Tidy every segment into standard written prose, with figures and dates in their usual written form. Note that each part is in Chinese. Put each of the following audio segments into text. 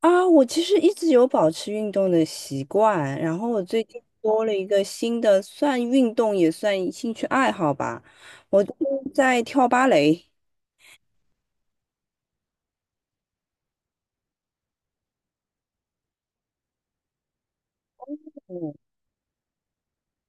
啊，我其实一直有保持运动的习惯，然后我最近多了一个新的，算运动也算兴趣爱好吧。我最近在跳芭蕾。嗯。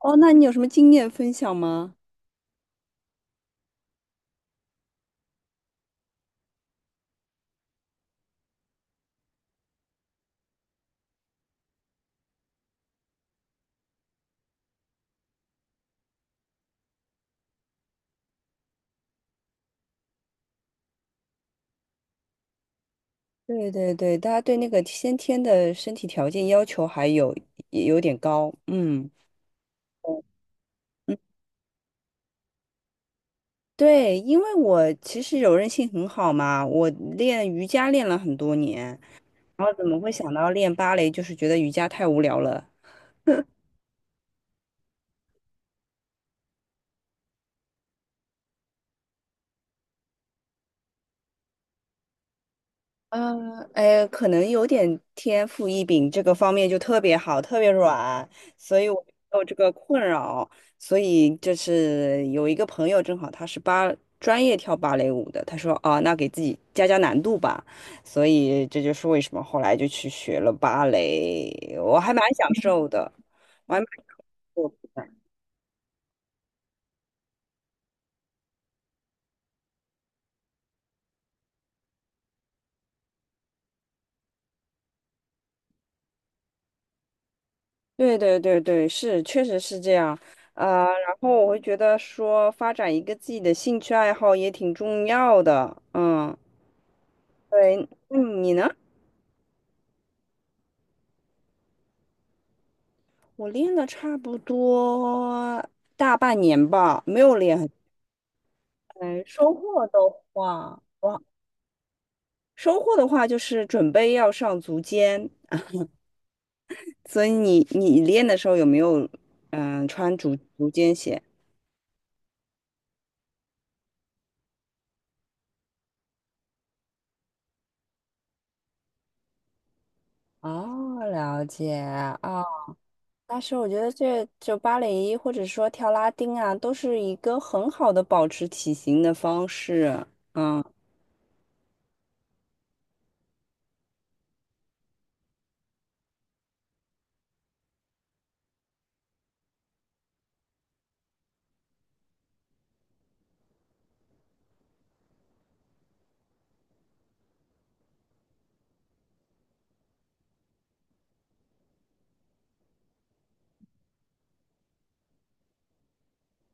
哦，那你有什么经验分享吗？对对对，大家对那个先天的身体条件要求还有也有点高，嗯。嗯，对，因为我其实柔韧性很好嘛，我练瑜伽练了很多年，然后怎么会想到练芭蕾，就是觉得瑜伽太无聊了，嗯，哎，可能有点天赋异禀，这个方面就特别好，特别软，所以我没有这个困扰。所以就是有一个朋友，正好他是专业跳芭蕾舞的，他说哦，那给自己加加难度吧。所以这就是为什么后来就去学了芭蕾，我还蛮享受的，我还蛮享受的。对对对对，是，确实是这样。然后我会觉得说，发展一个自己的兴趣爱好也挺重要的。嗯，对，那你呢？我练了差不多大半年吧，没有练很。嗯，收获的话，哇，收获的话就是准备要上足尖，所以你练的时候有没有穿足尖鞋？哦，了解啊，但是我觉得这就芭蕾或者说跳拉丁啊，都是一个很好的保持体型的方式。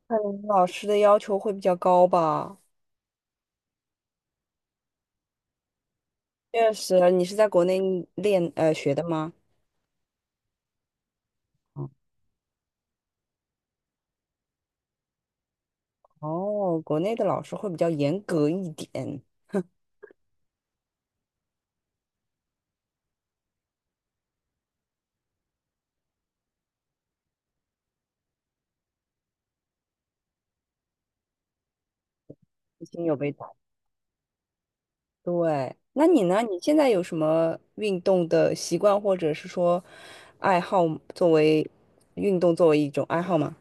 可能老师的要求会比较高吧。确实，你是在国内学的吗？嗯。哦，国内的老师会比较严格一点，已经有被打。对，那你呢？你现在有什么运动的习惯，或者是说爱好，作为运动作为一种爱好吗？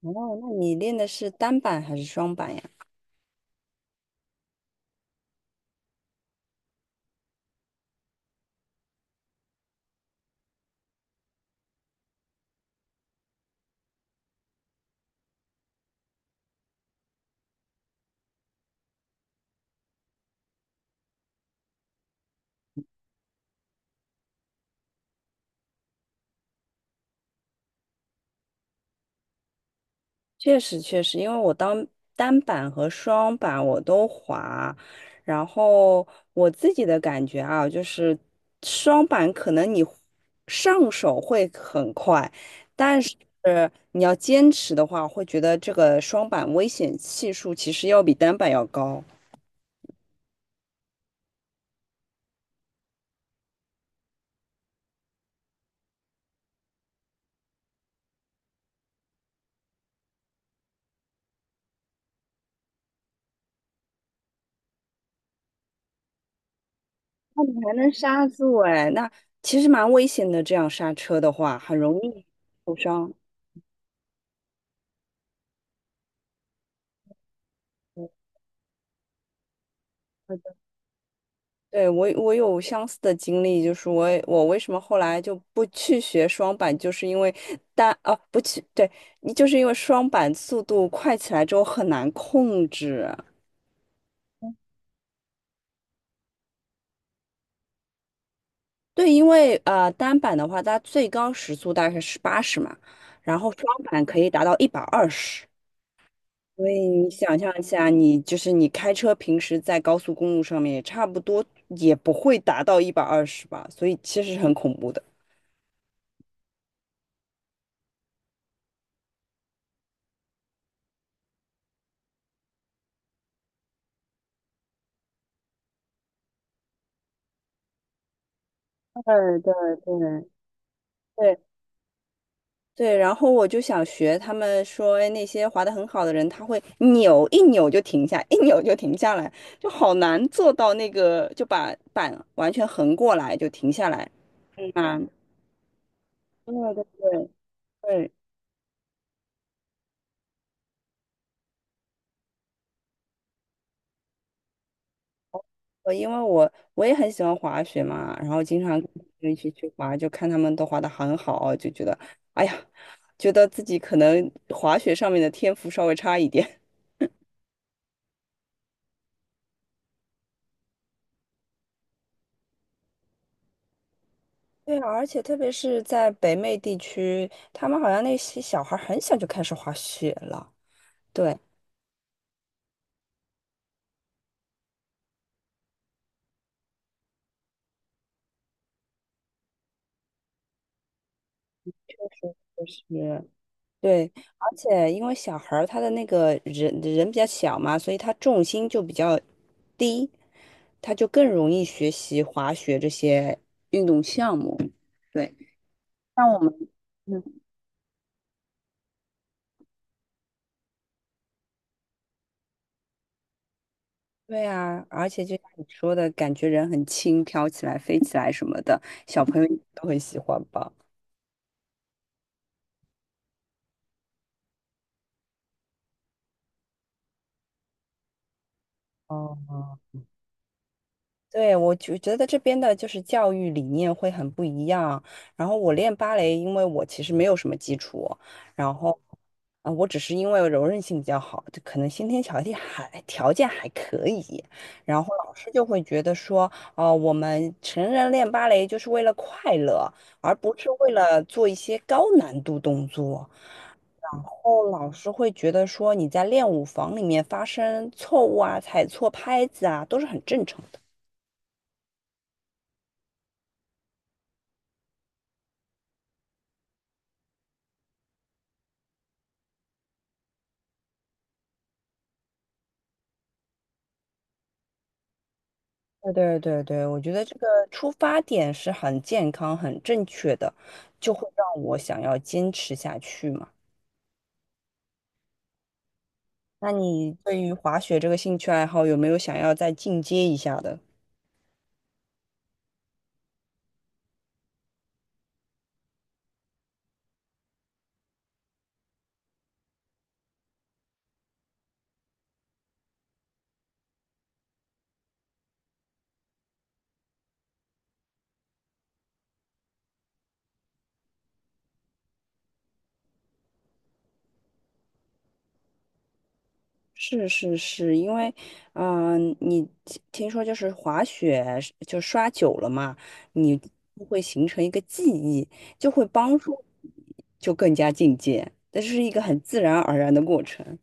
哦，那你练的是单板还是双板呀？确实确实，因为我当单板和双板我都滑，然后我自己的感觉啊，就是双板可能你上手会很快，但是你要坚持的话，会觉得这个双板危险系数其实要比单板要高。那你还能刹住哎，那其实蛮危险的，这样刹车的话很容易受伤。对，我有相似的经历，就是我为什么后来就不去学双板，就是因为单啊不去，对，你就是因为双板速度快起来之后很难控制。对，因为单板的话，它最高时速大概是80嘛，然后双板可以达到一百二十。所以你想象一下，你就是你开车平时在高速公路上面也差不多也不会达到一百二十吧，所以其实是很恐怖的。对对对。对对，然后我就想学他们说，哎，那些滑得很好的人，他会扭一扭就停下，一扭就停下来，就好难做到那个，就把板完全横过来就停下来，很难。对对对对，因为我也很喜欢滑雪嘛，然后经常跟朋友一起去滑，就看他们都滑得很好，就觉得，哎呀，觉得自己可能滑雪上面的天赋稍微差一点。对啊，而且特别是在北美地区，他们好像那些小孩儿很小就开始滑雪了。对，就是对，而且因为小孩儿他的那个人比较小嘛，所以他重心就比较低，他就更容易学习滑雪这些运动项目。对，像我们，嗯，对啊，而且就像你说的，感觉人很轻，飘起来、飞起来什么的，小朋友都很喜欢吧。哦对，我就觉得这边的就是教育理念会很不一样。然后我练芭蕾，因为我其实没有什么基础，然后，啊、我只是因为柔韧性比较好，就可能先天条件还可以。然后老师就会觉得说，哦、我们成人练芭蕾就是为了快乐，而不是为了做一些高难度动作。后老师会觉得说你在练舞房里面发生错误啊、踩错拍子啊，都是很正常。对对对对，我觉得这个出发点是很健康、很正确的，就会让我想要坚持下去嘛。那你对于滑雪这个兴趣爱好有没有想要再进阶一下的？是是是，因为，嗯、你听说就是滑雪是就刷久了嘛，你会形成一个记忆，就会帮助你就更加进阶，这是一个很自然而然的过程。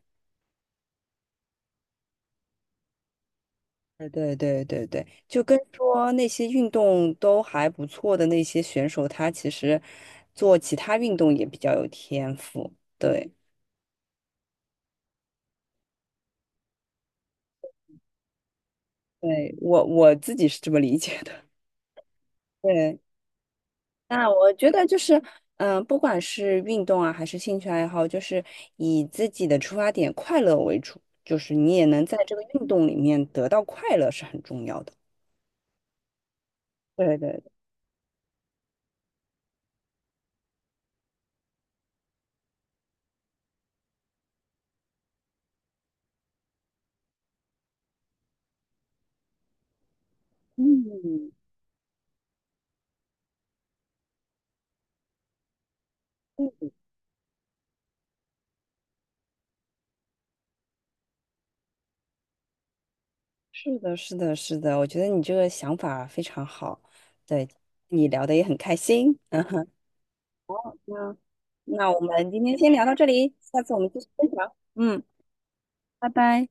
对对对对对，就跟说那些运动都还不错的那些选手，他其实做其他运动也比较有天赋。对，对，我我自己是这么理解的。对，那我觉得就是，嗯、不管是运动啊，还是兴趣爱好，就是以自己的出发点快乐为主，就是你也能在这个运动里面得到快乐是很重要的。对对，对嗯，嗯是的，是的，是的，我觉得你这个想法非常好，对，你聊的也很开心，嗯哼，那那我们今天先聊到这里，下次我们继续分享，嗯，拜拜。